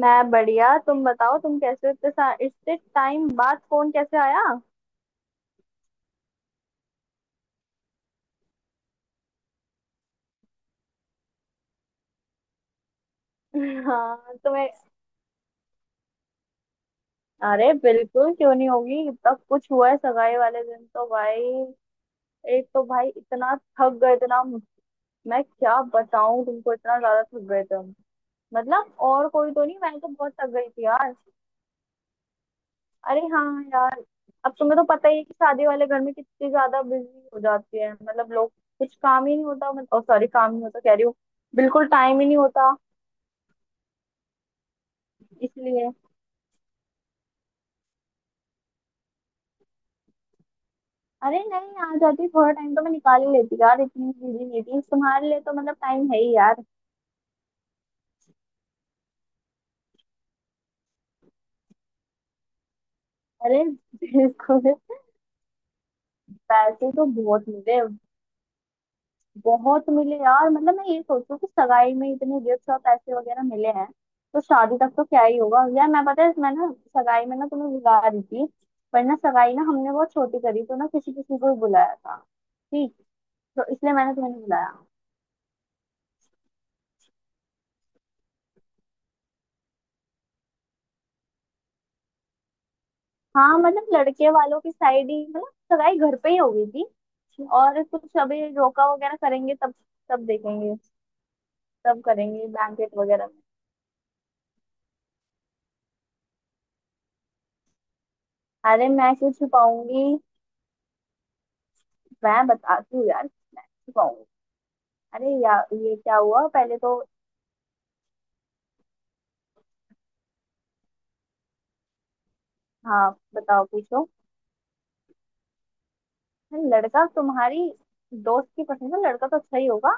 मैं बढ़िया। तुम बताओ, तुम कैसे हो? इतने इतने टाइम बाद फोन कैसे आया? हाँ, तुम्हें। अरे बिल्कुल, क्यों नहीं होगी। तब कुछ हुआ है सगाई वाले दिन तो भाई। एक तो भाई इतना थक गए थे ना। मैं क्या बताऊं तुमको, इतना ज्यादा थक गए थे हम। मतलब और कोई तो नहीं, मैं तो बहुत थक गई थी यार। अरे हाँ यार। अब तुम्हें तो पता ही है कि शादी वाले घर में कितनी ज्यादा बिजी हो जाती है, मतलब लोग। कुछ काम ही नहीं होता, मतलब सॉरी काम नहीं होता कह रही हूँ। बिल्कुल टाइम ही नहीं होता। इसलिए। अरे नहीं, आ जाती, थोड़ा टाइम तो मैं निकाल ही लेती यार। इतनी बिजी नहीं थी तुम्हारे लिए तो, मतलब टाइम है ही यार। अरे बिल्कुल। पैसे तो बहुत मिले। बहुत मिले यार। मतलब मैं ये सोचू कि सगाई में इतने गिफ्ट और पैसे वगैरह मिले हैं, तो शादी तक तो क्या ही होगा यार। मैं, पता है मैं ना सगाई में ना तुम्हें बुला रही थी, पर ना सगाई ना हमने बहुत छोटी करी, तो ना किसी किसी को ही बुलाया था ठीक, तो इसलिए मैंने तुम्हें नहीं बुलाया। हाँ मतलब लड़के वालों की साइड ही मतलब। सगाई घर पे ही हो गई थी, और कुछ अभी रोका वगैरह करेंगे तब तब देखेंगे। तब करेंगे बैंकेट वगैरह में। अरे मैं क्यों छुपाऊंगी। मैं बताती हूँ यार। मैं छुपाऊंगी। अरे यार ये क्या हुआ पहले तो। हाँ बताओ, पूछो। अरे लड़का तुम्हारी दोस्त की पसंद है, लड़का तो अच्छा ही होगा।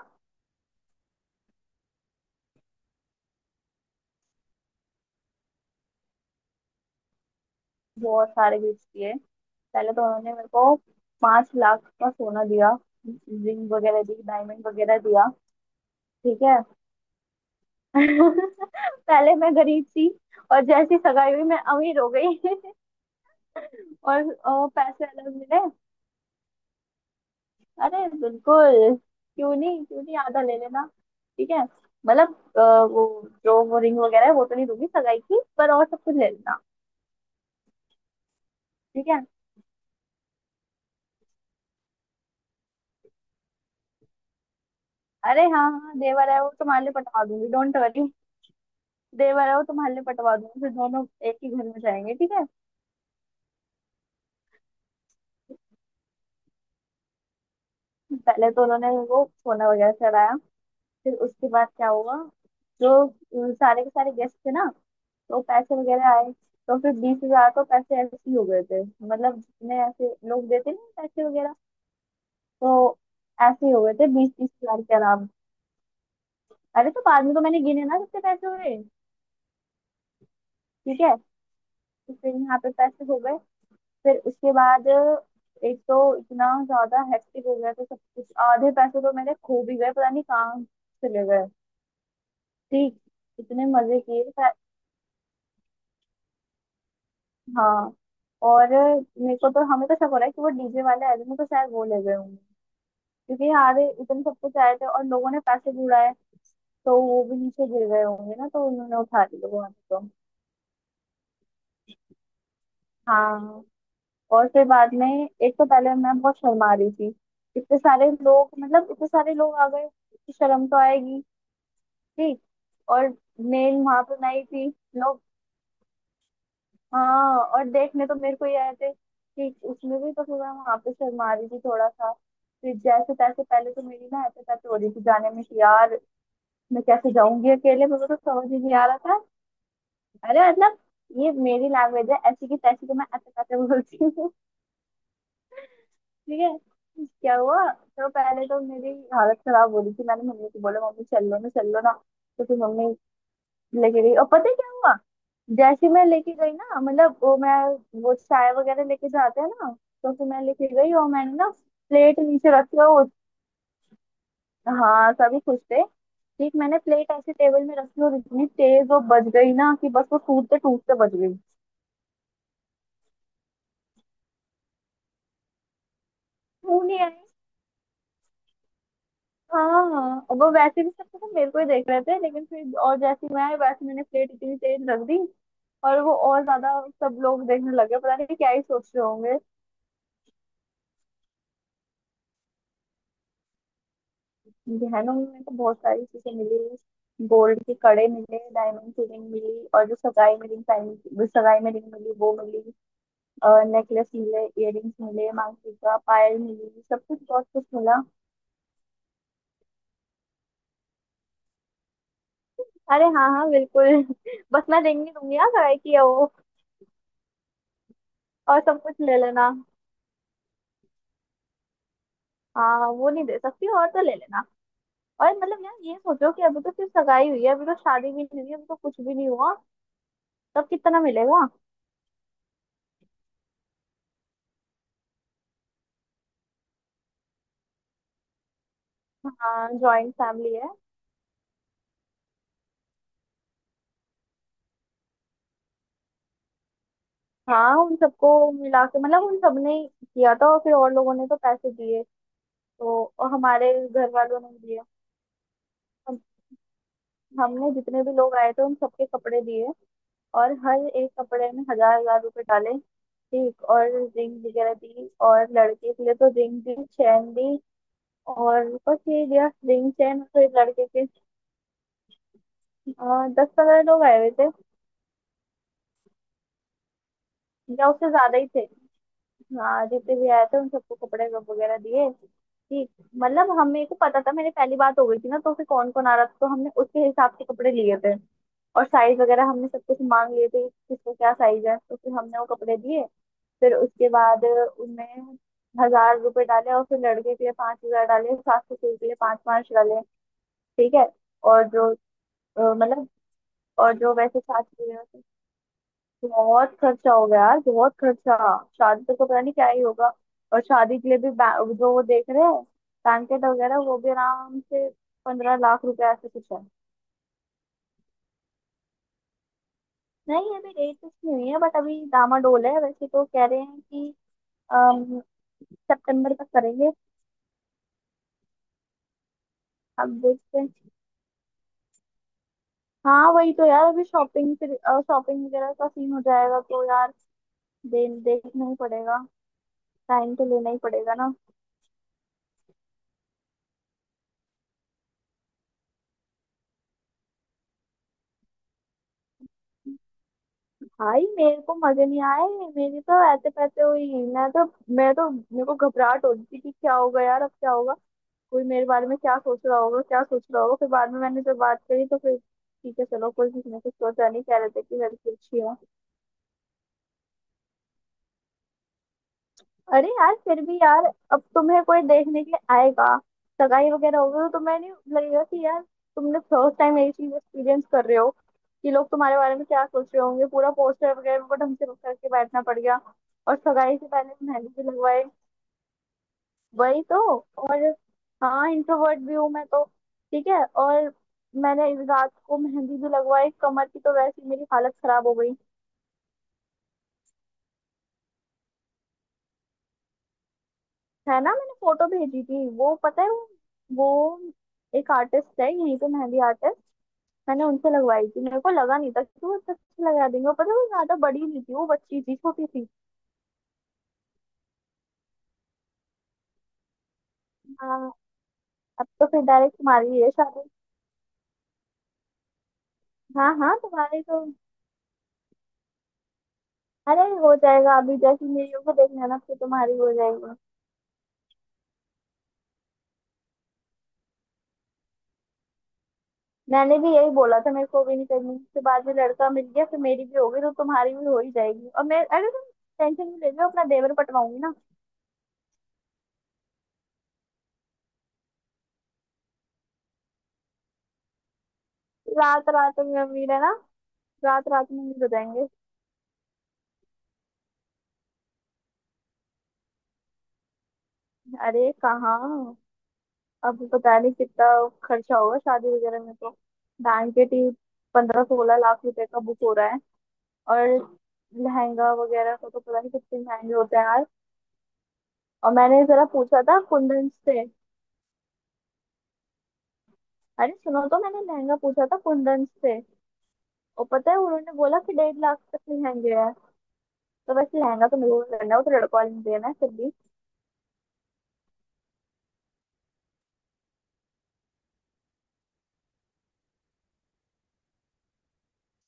बहुत सारे गिफ्ट दिए। पहले तो उन्होंने मेरे को 5 लाख का सोना दिया। रिंग वगैरह दी, डायमंड वगैरह दिया। ठीक है। पहले मैं गरीब थी, और जैसी सगाई हुई मैं अमीर हो गई। और पैसे अलग मिले। अरे बिल्कुल, क्यों नहीं क्यों नहीं, आधा ले लेना। ठीक है। मतलब वो जो वो रिंग वगैरह है वो तो नहीं दूंगी सगाई की, पर और सब कुछ ले लेना। ठीक है। अरे हाँ हाँ, देवर है वो, तुम्हारे लिए पटवा दूंगी, डोंट वरी। देवर है वो तुम्हारे लिए पटवा दूंगी, फिर दोनों एक ही घर में जाएंगे, ठीक है। पहले तो उन्होंने वो सोना वगैरह चढ़ाया। फिर उसके बाद क्या हुआ, जो सारे के सारे गेस्ट थे ना, तो पैसे वगैरह आए, तो फिर 20 हजार तो पैसे ऐसे ही हो गए थे, मतलब जितने ऐसे लोग देते नहीं पैसे वगैरह, तो ऐसे ही हो गए थे 20-30 हजार के आराम। अरे तो बाद में तो मैंने गिने ना कितने पैसे हुए। ठीक है। तो फिर यहाँ पे पैसे हो गए। फिर उसके बाद एक तो इतना ज्यादा हेक्टिक हो गया था सब कुछ, आधे पैसे तो मेरे खो भी गए, पता नहीं कहाँ चले गए, ठीक। इतने मजे किए हाँ। और मेरे को तो, हमें तो शक हो रहा है कि वो डीजे वाले आए थे, मेरे को शायद वो ले गए होंगे, क्योंकि यहाँ आधे इतने सब कुछ आए थे और लोगों ने पैसे भी उड़ाए, तो वो भी नीचे गिर गए होंगे ना, तो उन्होंने उठा लिए वो हमें तो। हाँ। और फिर बाद में एक तो पहले मैं बहुत शर्मा रही थी, इतने सारे लोग, मतलब इतने सारे लोग आ गए कि शर्म तो आएगी। ठीक। और मेन वहां पर नहीं थी लोग। हाँ, और देखने तो मेरे को ही आए थे ठीक, उसमें भी तो फिर मैं वहां पे शर्मा रही थी थोड़ा सा। फिर जैसे तैसे, पहले तो मेरी ना ऐसे तैसे हो रही थी जाने में कि यार मैं कैसे जाऊंगी अकेले, मुझे तो समझ ही नहीं आ रहा था। अरे मतलब, ये मेरी लैंग्वेज है ऐसी की तैसी को, मैं ऐसे कैसे बोलती हूँ। ठीक है। क्या हुआ, तो पहले तो मेरी हालत खराब हो रही थी, मैंने मम्मी को बोला, मम्मी चल लो ना चल लो ना, तो फिर मम्मी लेके गई, और पता है क्या हुआ, जैसे ही मैं लेके गई ना, मतलब वो मैं वो चाय वगैरह लेके जाते हैं ना, तो फिर मैं लेके गई और मैंने ना प्लेट नीचे रखी, और हाँ सभी खुश थे, एक मैंने प्लेट ऐसी टेबल में रखी और इतनी तेज वो बज गई ना कि बस वो टूटते टूटते बज गई। मुंह नहीं आई। हाँ और वो वैसे भी सब तो मेरे को ही देख रहे थे, लेकिन फिर और जैसे ही मैं आई वैसे मैंने प्लेट इतनी तेज रख दी, और वो और ज्यादा सब लोग देखने लगे, पता नहीं क्या ही सोच रहे होंगे। गहनों में मेरे को बहुत सारी चीजें मिली, गोल्ड के कड़े मिले, डायमंड की रिंग मिली, और जो सगाई में रिंग पहनी सगाई में रिंग मिली वो मिली, नेकलेस मिले, इयररिंग्स मिले, मांगटीका पायल मिली, सब कुछ बहुत कुछ मिला। अरे हाँ हाँ, बिल्कुल। बस मैं देंगी दूंगी ना, कराई की है वो, और सब कुछ ले लेना। हाँ वो नहीं दे सकती, और तो ले लेना। और मतलब यार ये सोचो कि अभी तो सिर्फ सगाई हुई है, अभी तो शादी भी नहीं हुई है, अभी तो कुछ भी नहीं हुआ, तब कितना मिलेगा। हाँ जॉइंट फैमिली है। हाँ उन सबको मिला के, मतलब उन सबने ही किया था, और फिर और लोगों ने तो पैसे दिए। तो और हमारे घर वालों ने दिए। हम हमने जितने भी लोग आए थे उन सबके कपड़े दिए, और हर एक कपड़े में हजार हजार रुपए डाले ठीक, और रिंग वगैरह दी, और लड़के के लिए तो रिंग दी चैन दी। और बस ये दिया रिंग चैन, तो एक लड़के के 10-15 लोग आए हुए थे, या उससे ज्यादा ही थे, हाँ जितने भी आए थे उन सबको कपड़े वगैरह दिए ठीक, मतलब हमें को पता था, मेरी पहली बात हो गई थी ना, तो फिर कौन कौन आ रहा था तो हमने उसके हिसाब से कपड़े लिए थे, और साइज वगैरह हमने सब कुछ मांग लिए थे कि किसको क्या साइज है, तो फिर हमने वो कपड़े दिए। फिर उसके बाद उनमें 1,000 रुपए डाले, और फिर लड़के के लिए 5 हजार डाले, सास ससुर के लिए पांच पांच डाले, ठीक है। और जो मतलब और जो वैसे सास ससुर, बहुत खर्चा हो गया यार, बहुत खर्चा, शादी तक तो पता नहीं क्या ही होगा। और शादी के लिए भी जो वो देख रहे हैं बैंकेट वगैरह, वो भी आराम से 15 लाख रुपए ऐसे कुछ है। नहीं अभी डेट फिक्स नहीं हुई है, बट अभी डामाडोल है, वैसे तो कह रहे हैं कि अम, सितंबर तक करेंगे। अब देखते हैं। हाँ वही तो यार, अभी शॉपिंग फिर शॉपिंग वगैरह का सीन हो जाएगा तो यार, देखना ही पड़ेगा। टाइम तो लेना ही पड़ेगा ना। भाई मेरे को मजे नहीं आए, मेरी तो ऐसे पैसे हुई, मैं तो मेरे को घबराहट हो रही थी कि क्या होगा यार, अब क्या होगा, कोई मेरे बारे में क्या सोच रहा होगा क्या सोच रहा होगा, फिर बाद में मैंने जब बात करी तो फिर ठीक है चलो, कोई किसी ने कुछ सोचा नहीं, कह रहे थे कि लड़की अच्छी है। अरे यार फिर भी यार, अब तुम्हें कोई देखने के लिए आएगा, सगाई वगैरह होगी तो तुम्हें नहीं लगेगा कि यार, तुमने फर्स्ट टाइम यही चीज एक्सपीरियंस कर रहे हो, कि लोग तुम्हारे बारे में क्या सोच रहे होंगे, पूरा पोस्टर वगैरह उनको ढंग से करके बैठना पड़ गया। और सगाई से पहले मेहंदी भी लगवाए। वही तो। और हाँ इंट्रोवर्ट भी हूँ मैं तो, ठीक है, और मैंने इस रात को मेहंदी भी लगवाई कमर की, तो वैसे ही मेरी हालत खराब हो गई। है ना, मैंने फोटो भेजी थी वो, पता है वो एक आर्टिस्ट है यहीं पे मेहंदी आर्टिस्ट, मैंने उनसे लगवाई थी, मेरे को लगा नहीं था कि वो इतना अच्छा लगा देंगे, और पता है वो ज्यादा बड़ी नहीं थी, वो बच्ची थी छोटी सी। हाँ अब तो फिर डायरेक्ट तुम्हारी ही है शादी। हाँ हाँ तुम्हारी तो, अरे हो जाएगा, अभी जैसे मेरी को देख लेना फिर तुम्हारी हो जाएगी। मैंने भी यही बोला था मेरे को भी नहीं करनी, फिर बाद में लड़का मिल गया, फिर मेरी भी होगी तो तुम्हारी भी हो ही जाएगी, और मैं अरे तुम टेंशन नहीं ले लो, अपना देवर पटवाऊंगी ना। रात रात में मेरा ना, रात रात में नहीं बताएंगे। अरे कहाँ, अब पता नहीं कितना खर्चा होगा शादी वगैरह में तो, बैंकेट ही 15-16 लाख रुपए का बुक हो रहा है। और लहंगा वगैरह का तो पता नहीं कितने महंगे होते हैं यार। और मैंने जरा पूछा था कुंदन से, अरे सुनो तो मैंने लहंगा पूछा था कुंदन से, और पता है उन्होंने बोला कि 1.5 लाख तक के लहंगे हैं, तो वैसे लहंगा तो मेरे को करना है, वो तो लड़कों वाले ने देना है, फिर भी।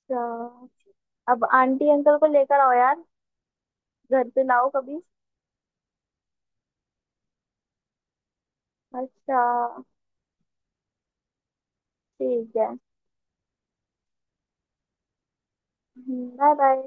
तो अब आंटी अंकल को लेकर आओ यार, घर पे लाओ कभी। अच्छा ठीक है। Bye bye.